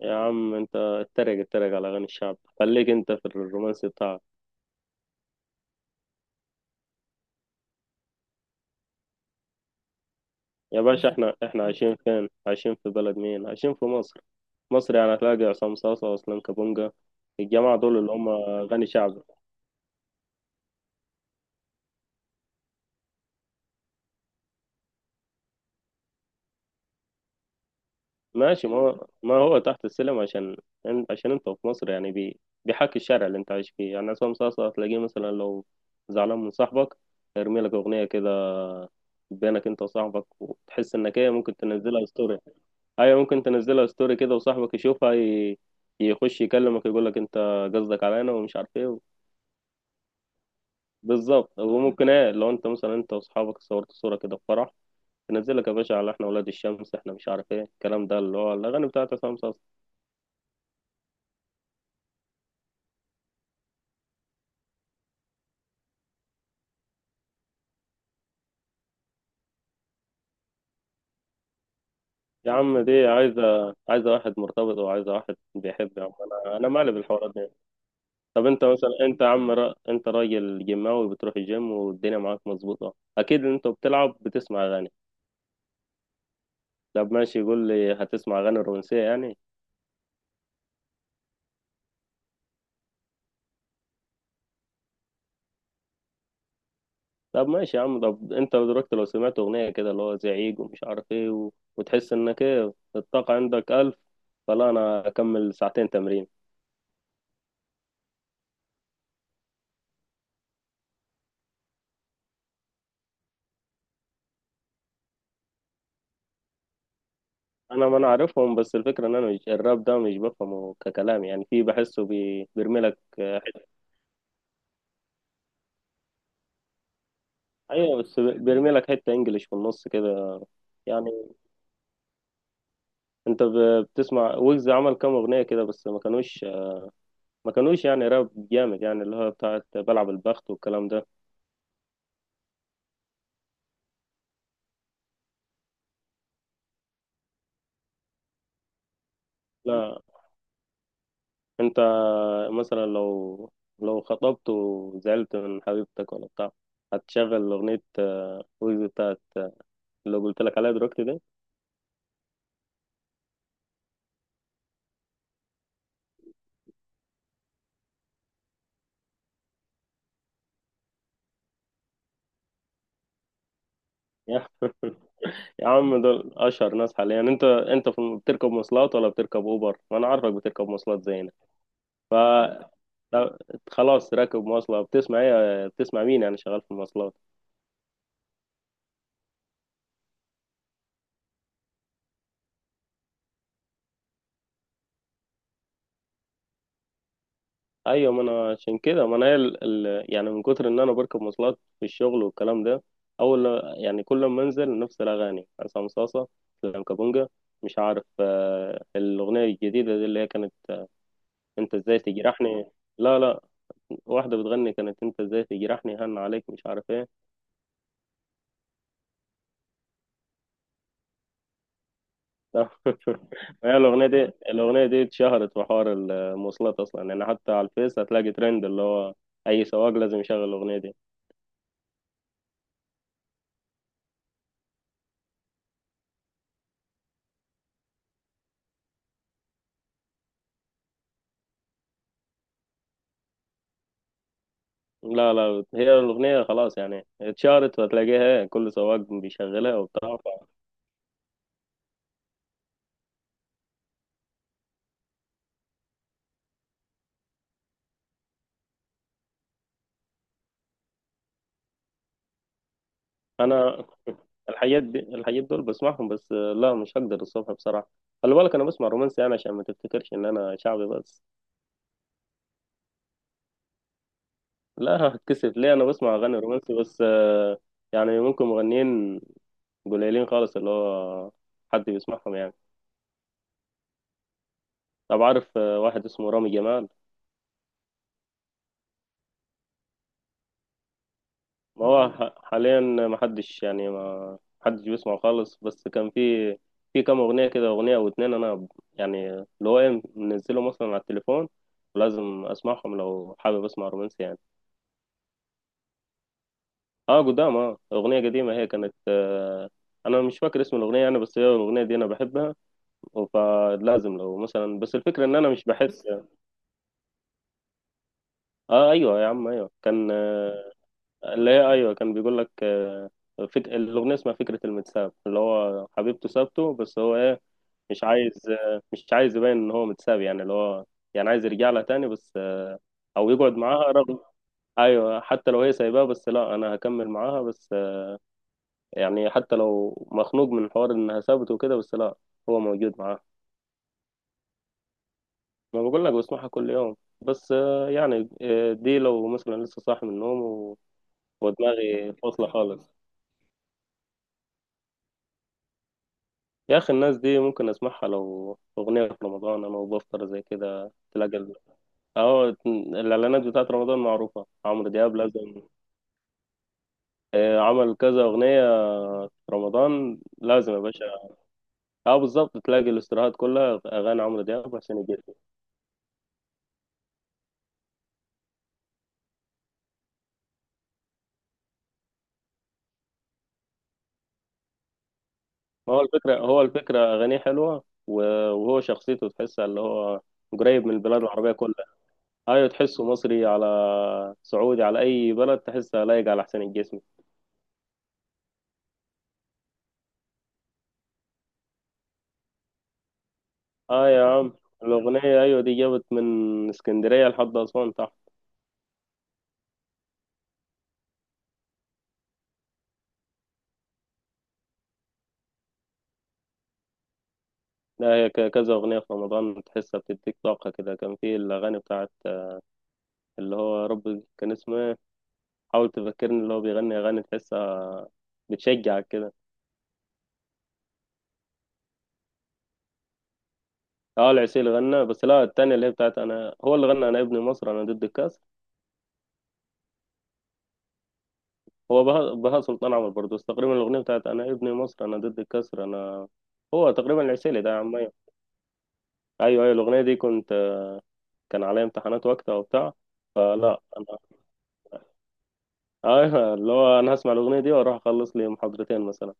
يا عم انت اتريق على اغاني الشعب، خليك انت في الرومانسي بتاعك. يا باشا احنا عايشين فين؟ عايشين في بلد مين؟ عايشين في مصر. مصر يعني هتلاقي عصام صاصا واسلام كابونجا. الجماعة دول اللي هم غني شعبي. ماشي، ما هو تحت السلم عشان انت في مصر. يعني بيحكي الشارع اللي انت عايش فيه. يعني عصام صاصا هتلاقيه مثلا لو زعلان من صاحبك، يرمي لك اغنية كده بينك انت وصاحبك، وتحس انك ايه، ممكن تنزلها ستوري. ايوه، ممكن تنزلها ستوري كده وصاحبك يشوفها، يخش يكلمك يقول لك انت قصدك علينا ومش عارف ايه. بالظبط. وممكن ايه، لو انت مثلا انت واصحابك صورت صورة كده في فرح، تنزلك يا باشا على احنا ولاد الشمس احنا، مش عارف ايه الكلام ده اللي هو الاغاني بتاعت عصام صاصا. يا عم دي عايزة واحد مرتبط، وعايزة واحد بيحب يا عم. انا مالي بالحوارات دي. طب انت مثلا انت يا عم، انت راجل جيماوي بتروح الجيم والدنيا معاك مظبوطة، اكيد انت بتلعب بتسمع اغاني. طب ماشي، يقول لي هتسمع اغاني رومانسية يعني؟ طب ماشي يا عم، طب انت دلوقتي لو سمعت اغنيه كده اللي هو زعيق ومش عارف ايه وتحس انك ايه، الطاقه عندك الف، فلا انا اكمل ساعتين تمرين. انا، ما انا عارفهم، بس الفكره ان انا مش، الراب ده مش بفهمه ككلام. يعني في، بحسه بيرملك آه، ايوه بس بيرملك حته انجليش في النص كده. يعني انت بتسمع ويجز عمل كام اغنيه كده بس ما كانوش يعني راب جامد، يعني اللي هو بتاعت بلعب البخت والكلام ده. لا انت مثلا لو خطبت وزعلت من حبيبتك ولا بتاع، هتشغل اغنية آه، ويجز بتاعت اللي قلت لك عليها دلوقتي دي. يا يا عم دول اشهر ناس حاليا يعني. انت بتركب مواصلات ولا بتركب اوبر؟ ما انا عارفك بتركب مواصلات زينا. ف طب خلاص، راكب مواصلة بتسمع ايه، بتسمع مين يعني، شغال في المواصلات؟ ايوه، ما انا عشان كده، ما انا هي يعني من كتر ان انا بركب مواصلات في الشغل والكلام ده، اول يعني كل ما انزل نفس الاغاني، عصام صاصه، اسلام كابونجا، مش عارف آه، الاغنيه الجديده دي اللي هي كانت آه، انت ازاي تجرحني. لا واحده بتغني، كانت انت ازاي تجرحني، هن عليك، مش عارف ايه. لا. هي الاغنيه دي، الاغنيه دي اتشهرت في حوار المواصلات اصلا. يعني حتى على الفيس هتلاقي ترند اللي هو اي سواق لازم يشغل الاغنيه دي. لا لا، هي الأغنية خلاص يعني اتشهرت وهتلاقيها كل سواق بيشغلها وبتاع. أنا الحاجات دي، الحاجات دول بسمعهم بس آه، لا مش هقدر الصبح بصراحة. خلي بالك أنا بسمع رومانسي أنا، عشان ما تفتكرش إن أنا شعبي بس. لا هتكسف ليه، أنا بسمع أغاني رومانسي بس آه، يعني ممكن مغنيين قليلين خالص اللي هو حد بيسمعهم يعني. طب عارف آه، واحد اسمه رامي جمال؟ ما هو حاليا ما حدش، يعني ما حدش بيسمع خالص، بس كان في، في كام اغنيه كده، اغنيه او اتنين يعني اللي هو ايه، منزلهم مثلا على التليفون، ولازم اسمعهم لو حابب اسمع رومانسي يعني. اه قدام، اه اغنيه قديمه، هي كانت آه، انا مش فاكر اسم الاغنيه يعني، بس هي الاغنيه دي انا بحبها، فلازم لو مثلا، بس الفكره ان انا مش بحس. اه ايوه يا عم، ايوه كان آه، اللي هي ايوه كان بيقول لك آه، الاغنيه اسمها فكره المتساب، اللي هو حبيبته سابته بس هو ايه، مش عايز آه، مش عايز يبين ان هو متساب، يعني اللي هو يعني عايز يرجع لها تاني بس آه، او يقعد معاها رغم، ايوه حتى لو هي سايباه بس لا انا هكمل معاها بس آه، يعني حتى لو مخنوق من حوار انها سابته وكده، بس لا هو موجود معاها. ما بقول لك بسمعها كل يوم، بس آه، يعني آه، دي لو مثلا لسه صاحي من النوم ودماغي فاصله خالص. يا اخي الناس دي ممكن اسمعها لو اغنيه في رمضان انا وبفطر زي كده، تلاقي اهو الاعلانات بتاعت رمضان معروفه، عمرو دياب لازم آه، عمل كذا اغنيه في رمضان لازم يا باشا. اه بالظبط، تلاقي الاستراحات كلها اغاني عمرو دياب عشان يجيب. هو الفكره اغانيه حلوه، و- وهو شخصيته تحسها اللي هو قريب من البلاد العربيه كلها. ايوه تحسه مصري، على سعودي، على اي بلد تحسها لايق على حسين الجسمي. اه يا عم، الأغنية أيوة دي جابت من اسكندرية لحد أسوان تحت. لا هي، كذا أغنية في رمضان تحسها بتديك طاقة كده. كان في الأغاني بتاعت اللي هو يا رب كان اسمه إيه، حاول تفكرني، اللي هو بيغني أغاني تحسها بتشجعك كده. اه العسيل غنى، بس لا التانية اللي هي بتاعت أنا، هو اللي غنى أنا ابن مصر أنا ضد الكسر. هو بهاء سلطان عمر برضه، بس تقريبا الأغنية بتاعت أنا ابن مصر أنا ضد الكسر أنا، هو تقريبا العسيلي ده يا عم، أيوة. أيوة الأغنية دي كنت، كان عليا امتحانات وقتها وبتاع، فلا اه، ايوه اللي هو انا هسمع الاغنيه دي واروح اخلص لي محاضرتين مثلا.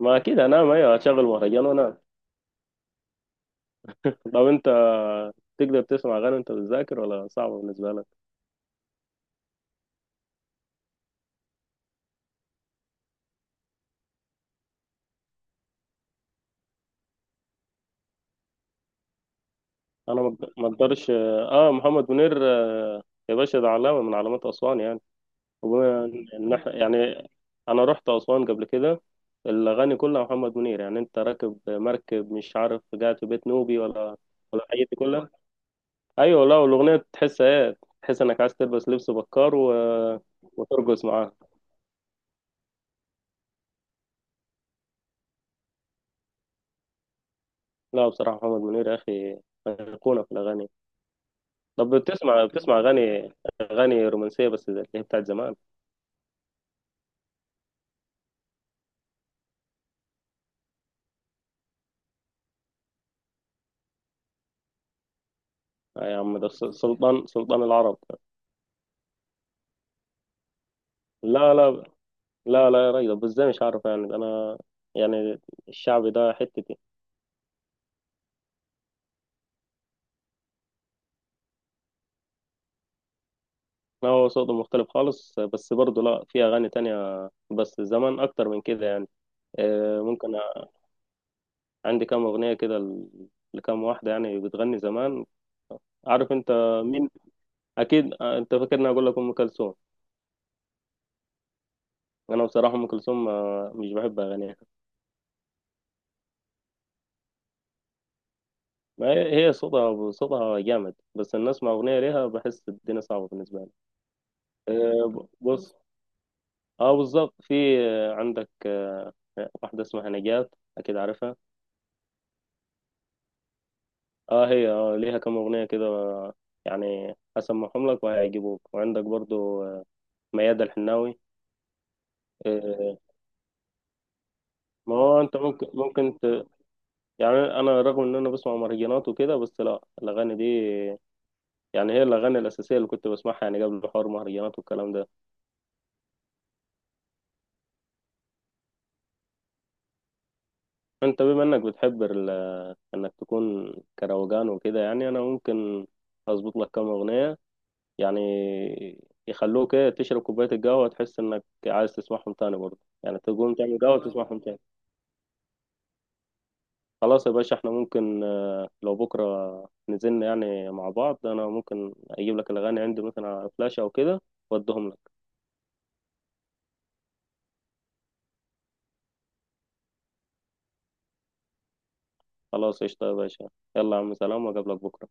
ما اكيد انام، ايوه هشغل مهرجان وانام. طب انت تقدر تسمع اغاني وانت بتذاكر، ولا صعبه بالنسبه لك؟ انا ما اقدرش. اه محمد منير آه، يا باشا ده علامه من علامات اسوان يعني. وبما يعني انا رحت اسوان قبل كده، الاغاني كلها محمد منير. يعني انت راكب مركب مش عارف، قاعد في بيت نوبي، ولا ولا الحاجات دي كلها. ايوه لا، والاغنيه تحس ايه، تحس انك عايز تلبس لبس بكار وترقص معاه. لا بصراحة محمد منير يا أخي أيقونة في الأغاني. طب بتسمع أغاني، أغاني رومانسية بس زي اللي هي بتاعت زمان؟ آه يا عم، ده سلطان سلطان العرب. لا لا، لا لا يا راجل، طب إزاي، مش عارف يعني ده أنا يعني الشعبي ده حتتي. أنا هو صوته مختلف خالص، بس برضه لا في أغاني تانية، بس زمان أكتر من كده يعني. آه، ممكن، عندي كام أغنية كده لكام واحدة يعني بتغني زمان، عارف أنت مين؟ أكيد آه أنت فاكرني أقول لك أم كلثوم. انا بصراحه ام كلثوم مش بحب اغانيها. ما هي هي صوتها جامد، بس ان اسمع اغنيه ليها بحس الدنيا صعبه بالنسبه لي. أه، بص، اه بالظبط، في آه، عندك آه، واحده اسمها نجاة، اكيد عارفها. اه هي اه ليها كم اغنيه كده آه، يعني هسمعهم لك وهيعجبوك. وعندك برضو آه، ميادة الحناوي آه، ما هو انت ممكن يعني انا رغم ان انا بسمع مهرجانات وكده، بس لا الاغاني دي يعني هي الأغاني الأساسية اللي كنت بسمعها يعني قبل حوار مهرجانات والكلام ده. أنت بما إنك بتحب إنك تكون كروجان وكده، يعني أنا ممكن أظبط لك كام أغنية يعني يخلوك إيه تشرب كوباية القهوة تحس إنك عايز تسمعهم تاني، برضه يعني تقوم تعمل قهوة تسمعهم تاني. خلاص يا باشا، إحنا ممكن آه، لو بكرة نزلنا يعني مع بعض، أنا ممكن أجيب لك الأغاني عندي مثلا على فلاشة أو كده وأديهم لك. خلاص قشطة يا باشا، يلا يا عم سلام، وأقابلك بكرة.